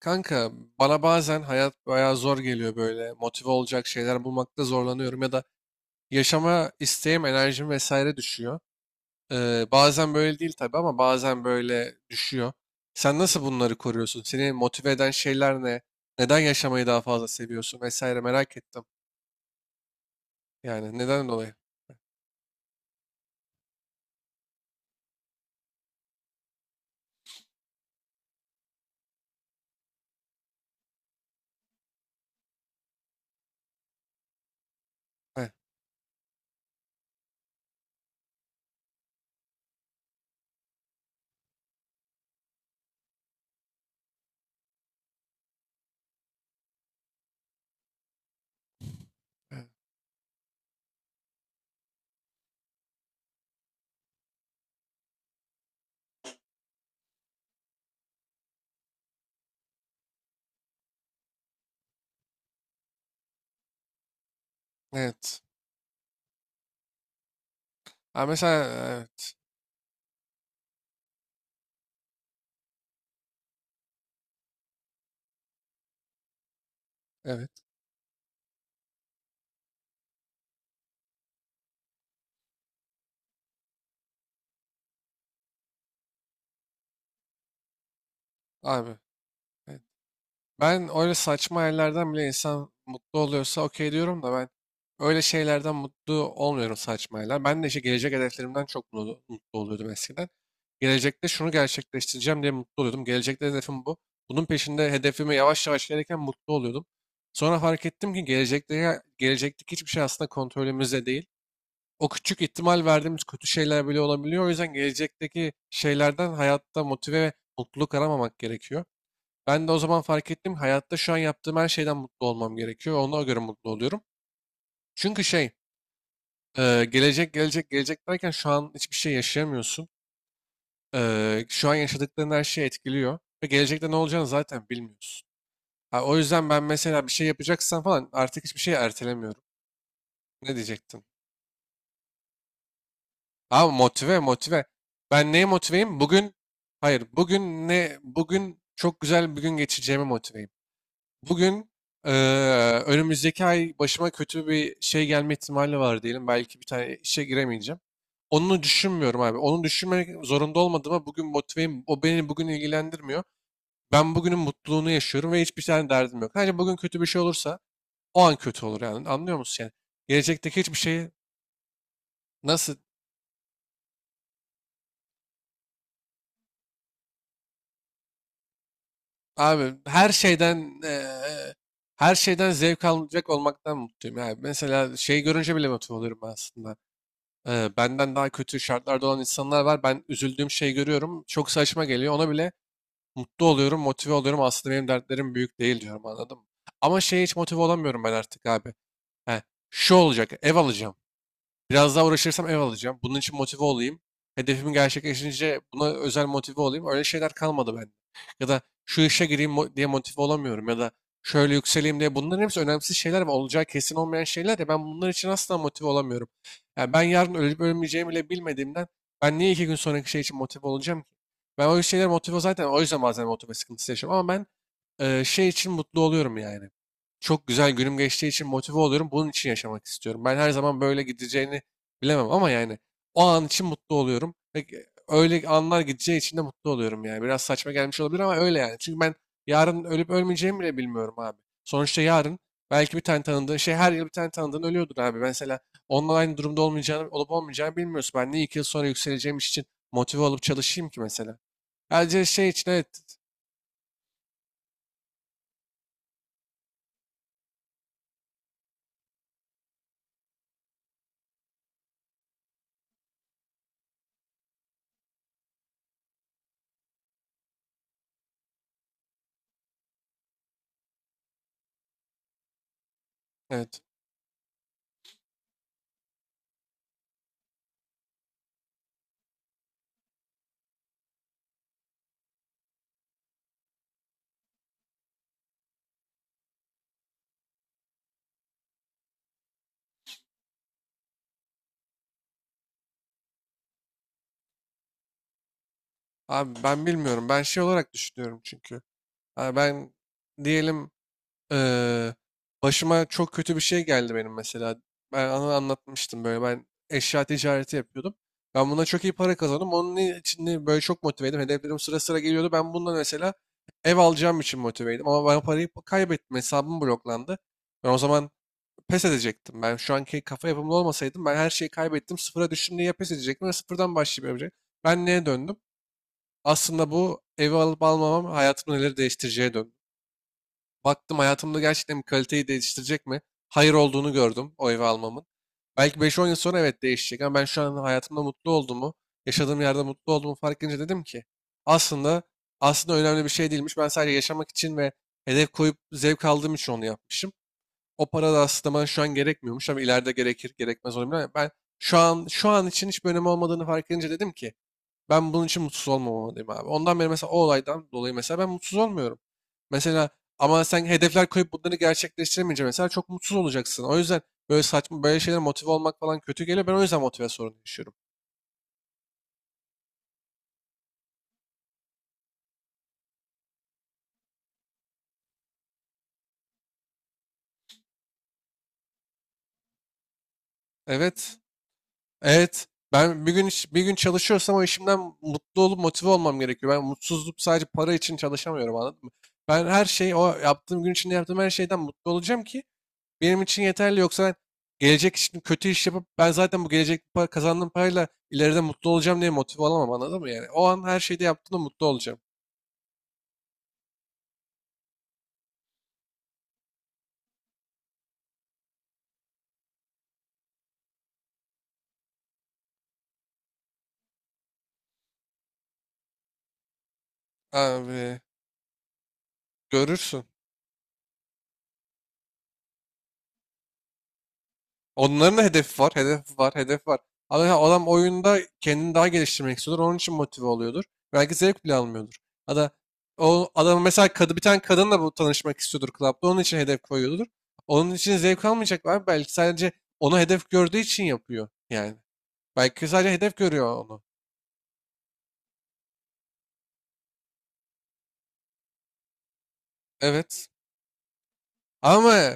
Kanka bana bazen hayat bayağı zor geliyor böyle. Motive olacak şeyler bulmakta zorlanıyorum ya da yaşama isteğim, enerjim vesaire düşüyor. Bazen böyle değil tabii ama bazen böyle düşüyor. Sen nasıl bunları koruyorsun? Seni motive eden şeyler ne? Neden yaşamayı daha fazla seviyorsun vesaire merak ettim. Yani neden dolayı? Heh, heh. Evet. Ha, mesela, evet, evet abi. Ben öyle saçma hayallerden bile insan mutlu oluyorsa okey diyorum da ben öyle şeylerden mutlu olmuyorum, saçma hayaller. Ben de işte gelecek hedeflerimden çok mutlu oluyordum eskiden. Gelecekte şunu gerçekleştireceğim diye mutlu oluyordum. Gelecekte hedefim bu. Bunun peşinde hedefime yavaş yavaş gelirken mutlu oluyordum. Sonra fark ettim ki gelecekteki hiçbir şey aslında kontrolümüzde değil. O küçük ihtimal verdiğimiz kötü şeyler bile olabiliyor. O yüzden gelecekteki şeylerden hayatta motive ve mutluluk aramamak gerekiyor. Ben de o zaman fark ettim. Hayatta şu an yaptığım her şeyden mutlu olmam gerekiyor. Ona göre mutlu oluyorum. Çünkü şey, gelecek gelecek gelecek derken şu an hiçbir şey yaşayamıyorsun. Şu an yaşadıkların her şeyi etkiliyor. Ve gelecekte ne olacağını zaten bilmiyorsun. Ha, o yüzden ben mesela bir şey yapacaksam falan artık hiçbir şeyi ertelemiyorum. Ne diyecektin? Ama motive motive. Ben neye motiveyim? Bugün, hayır bugün ne, bugün çok güzel bir gün geçireceğime motiveyim. Bugün. eee, Önümüzdeki ay başıma kötü bir şey gelme ihtimali var diyelim. Belki bir tane işe giremeyeceğim. Onu düşünmüyorum abi. Onu düşünmek zorunda olmadığıma bugün motiveyim. O beni bugün ilgilendirmiyor. Ben bugünün mutluluğunu yaşıyorum ve hiçbir tane derdim yok. Sadece bugün kötü bir şey olursa o an kötü olur yani. Anlıyor musun yani? Gelecekteki hiçbir şeyi nasıl abi her şeyden zevk alacak olmaktan mutluyum. Yani mesela şey görünce bile motive oluyorum aslında. Benden daha kötü şartlarda olan insanlar var. Ben üzüldüğüm şeyi görüyorum. Çok saçma geliyor. Ona bile mutlu oluyorum, motive oluyorum. Aslında benim dertlerim büyük değil diyorum, anladın mı? Ama şeye hiç motive olamıyorum ben artık abi. He, şu olacak, ev alacağım. Biraz daha uğraşırsam ev alacağım. Bunun için motive olayım. Hedefimi gerçekleşince buna özel motive olayım. Öyle şeyler kalmadı bende. Ya da şu işe gireyim diye motive olamıyorum. Ya da şöyle yükseleyim diye. Bunların hepsi önemsiz şeyler ve olacağı kesin olmayan şeyler ya. Ben bunlar için asla motive olamıyorum. Yani ben yarın ölüp ölmeyeceğimi bile bilmediğimden ben niye 2 gün sonraki şey için motive olacağım ki? Ben o şeyler motive zaten, o yüzden bazen motive sıkıntısı yaşıyorum. Ama ben şey için mutlu oluyorum yani. Çok güzel günüm geçtiği için motive oluyorum. Bunun için yaşamak istiyorum. Ben her zaman böyle gideceğini bilemem ama yani o an için mutlu oluyorum. Ve öyle anlar gideceği için de mutlu oluyorum yani. Biraz saçma gelmiş olabilir ama öyle yani. Çünkü ben yarın ölüp ölmeyeceğimi bile bilmiyorum abi. Sonuçta yarın belki bir tane tanıdığın şey, her yıl bir tane tanıdığın ölüyordur abi. Mesela onunla aynı durumda olup olmayacağını bilmiyorsun. Ben niye 2 yıl sonra yükseleceğim iş için motive olup çalışayım ki mesela? Sadece şey için, evet. Evet. Abi ben bilmiyorum. Ben şey olarak düşünüyorum çünkü. Abi ben diyelim, Eee, başıma çok kötü bir şey geldi benim mesela. Ben ana anlatmıştım böyle. Ben eşya ticareti yapıyordum. Ben buna çok iyi para kazandım. Onun için böyle çok motiveydim. Hedeflerim sıra sıra geliyordu. Ben bundan mesela ev alacağım için motiveydim. Ama ben parayı kaybettim. Hesabım bloklandı. Ben o zaman pes edecektim. Ben şu anki kafa yapımlı olmasaydım, ben her şeyi kaybettim, sıfıra düştüm diye ya pes edecektim, ya sıfırdan başlayıp yapacaktım. Ben neye döndüm? Aslında bu evi alıp almamam hayatımı neler değiştireceğe döndü. Baktım, hayatımda gerçekten bir kaliteyi değiştirecek mi? Hayır olduğunu gördüm o evi almamın. Belki beş on yıl sonra evet değişecek ama ben şu an hayatımda mutlu olduğumu, yaşadığım yerde mutlu olduğumu fark edince dedim ki aslında aslında önemli bir şey değilmiş. Ben sadece yaşamak için ve hedef koyup zevk aldığım için onu yapmışım. O para da aslında bana şu an gerekmiyormuş ama ileride gerekir gerekmez olabilir. Ama ben şu an için hiçbir önemi olmadığını fark edince dedim ki ben bunun için mutsuz olmamalıyım abi. Ondan beri mesela, o olaydan dolayı mesela ben mutsuz olmuyorum. Mesela, ama sen hedefler koyup bunları gerçekleştiremeyince mesela çok mutsuz olacaksın. O yüzden böyle saçma böyle şeyler, motive olmak falan kötü geliyor. Ben o yüzden motive sorunu yaşıyorum. Evet. Evet. Ben bir gün bir gün çalışıyorsam o işimden mutlu olup motive olmam gerekiyor. Ben mutsuzluk sadece para için çalışamıyorum, anladın mı? Ben her şeyi o yaptığım gün içinde, yaptığım her şeyden mutlu olacağım ki benim için yeterli. Yoksa ben gelecek için kötü iş yapıp, ben zaten bu gelecek para, kazandığım parayla ileride mutlu olacağım diye motive olamam, anladın mı yani? O an her şeyde yaptığımda mutlu olacağım. Abi görürsün. Onların da hedefi var, hedefi var, hedefi var. Ama ya adam oyunda kendini daha geliştirmek istiyordur. Onun için motive oluyordur. Belki zevk bile almıyordur. Ya da o adam mesela bir tane kadınla bu tanışmak istiyordur klapta. Onun için hedef koyuyordur. Onun için zevk almayacak var, belki sadece onu hedef gördüğü için yapıyor yani. Belki sadece hedef görüyor onu. Evet. Ama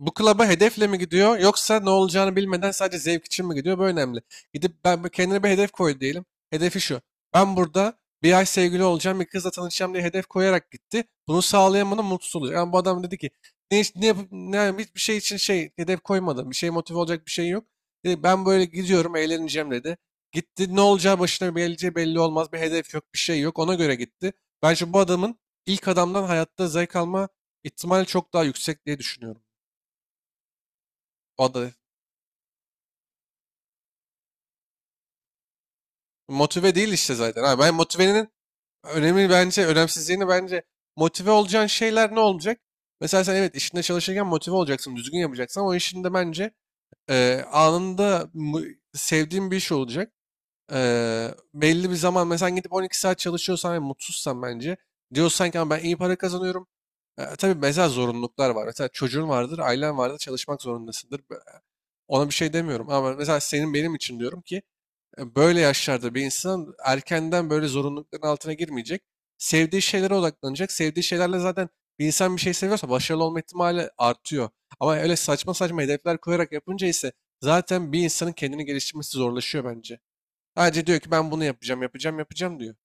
bu klaba hedefle mi gidiyor, yoksa ne olacağını bilmeden sadece zevk için mi gidiyor? Bu önemli. Gidip ben kendine bir hedef koy diyelim. Hedefi şu: ben burada bir ay sevgili olacağım, bir kızla tanışacağım diye hedef koyarak gitti. Bunu sağlayamadı, mutsuz oluyor. Yani bu adam dedi ki ne, iş- ne, yapıp- ne yani hiçbir şey için şey hedef koymadım. Bir şey motive olacak bir şey yok. Dedi, ben böyle gidiyorum, eğleneceğim dedi. Gitti, ne olacağı başına geleceği belli olmaz. Bir hedef yok, bir şey yok. Ona göre gitti. Bence bu adamın ilk adamdan hayatta zevk alma ihtimal çok daha yüksek diye düşünüyorum. O da motive değil işte zaten. Ha, ben motivenin önemi bence, önemsizliğini bence, motive olacağın şeyler ne olacak? Mesela sen evet işinde çalışırken motive olacaksın, düzgün yapacaksın ama o işinde bence e, anında mu- sevdiğin bir iş olacak. E, belli bir zaman mesela gidip 12 saat çalışıyorsan ve mutsuzsan, bence diyorsan ki "Ama ben iyi para kazanıyorum." Tabii mesela zorunluluklar var. Mesela çocuğun vardır, ailen vardır, çalışmak zorundasındır. Ona bir şey demiyorum ama mesela senin, benim için diyorum ki böyle yaşlarda bir insan erkenden böyle zorunlulukların altına girmeyecek. Sevdiği şeylere odaklanacak. Sevdiği şeylerle zaten, bir insan bir şey seviyorsa başarılı olma ihtimali artıyor. Ama öyle saçma saçma hedefler koyarak yapınca ise zaten bir insanın kendini geliştirmesi zorlaşıyor bence. Sadece diyor ki ben bunu yapacağım, yapacağım, yapacağım diyor.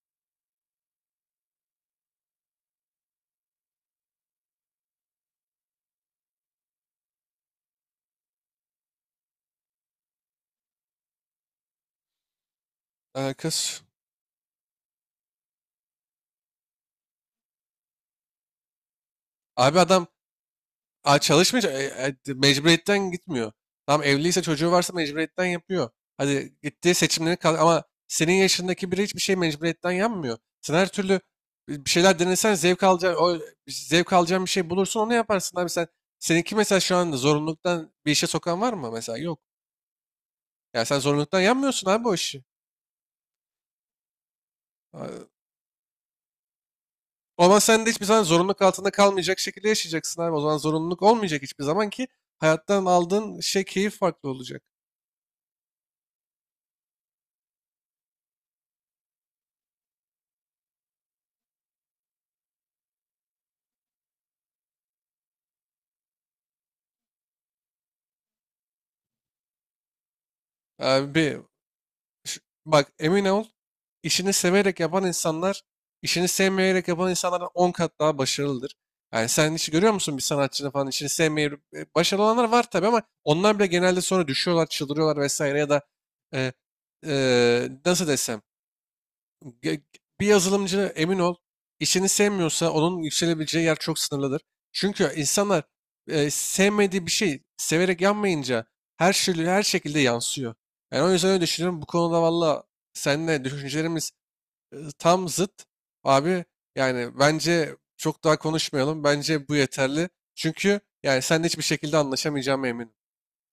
Alakası. Abi adam, çalışmış. Mecburiyetten gitmiyor. Tamam, evliyse, çocuğu varsa mecburiyetten yapıyor. Hadi gittiği seçimleri kal, ama senin yaşındaki biri hiçbir şey mecburiyetten yapmıyor. Sen her türlü bir şeyler denesen zevk alacağın, o zevk alacağın bir şey bulursun, onu yaparsın. Abi sen, seninki mesela şu anda zorunluluktan bir işe sokan var mı mesela? Yok. Ya sen zorunluluktan yanmıyorsun abi o işi. Aa, O zaman sen de hiçbir zaman zorunluluk altında kalmayacak şekilde yaşayacaksın abi. O zaman zorunluluk olmayacak hiçbir zaman ki hayattan aldığın şey, keyif farklı olacak. Abi, Ş- bak emin ol, işini severek yapan insanlar işini sevmeyerek yapan insanlardan 10 kat daha başarılıdır. Yani sen hiç görüyor musun, bir sanatçının falan işini sevmeyip başarılı olanlar var tabii, ama onlar bile genelde sonra düşüyorlar, çıldırıyorlar vesaire, ya da e, nasıl desem, Ge- bir yazılımcı, emin ol işini sevmiyorsa onun yükselebileceği yer çok sınırlıdır. Çünkü insanlar sevmediği bir şey severek yapmayınca her şey her şekilde yansıyor. Yani o yüzden öyle düşünüyorum. Bu konuda valla seninle düşüncelerimiz tam zıt. Abi yani bence çok daha konuşmayalım. Bence bu yeterli. Çünkü yani seninle hiçbir şekilde anlaşamayacağım, eminim.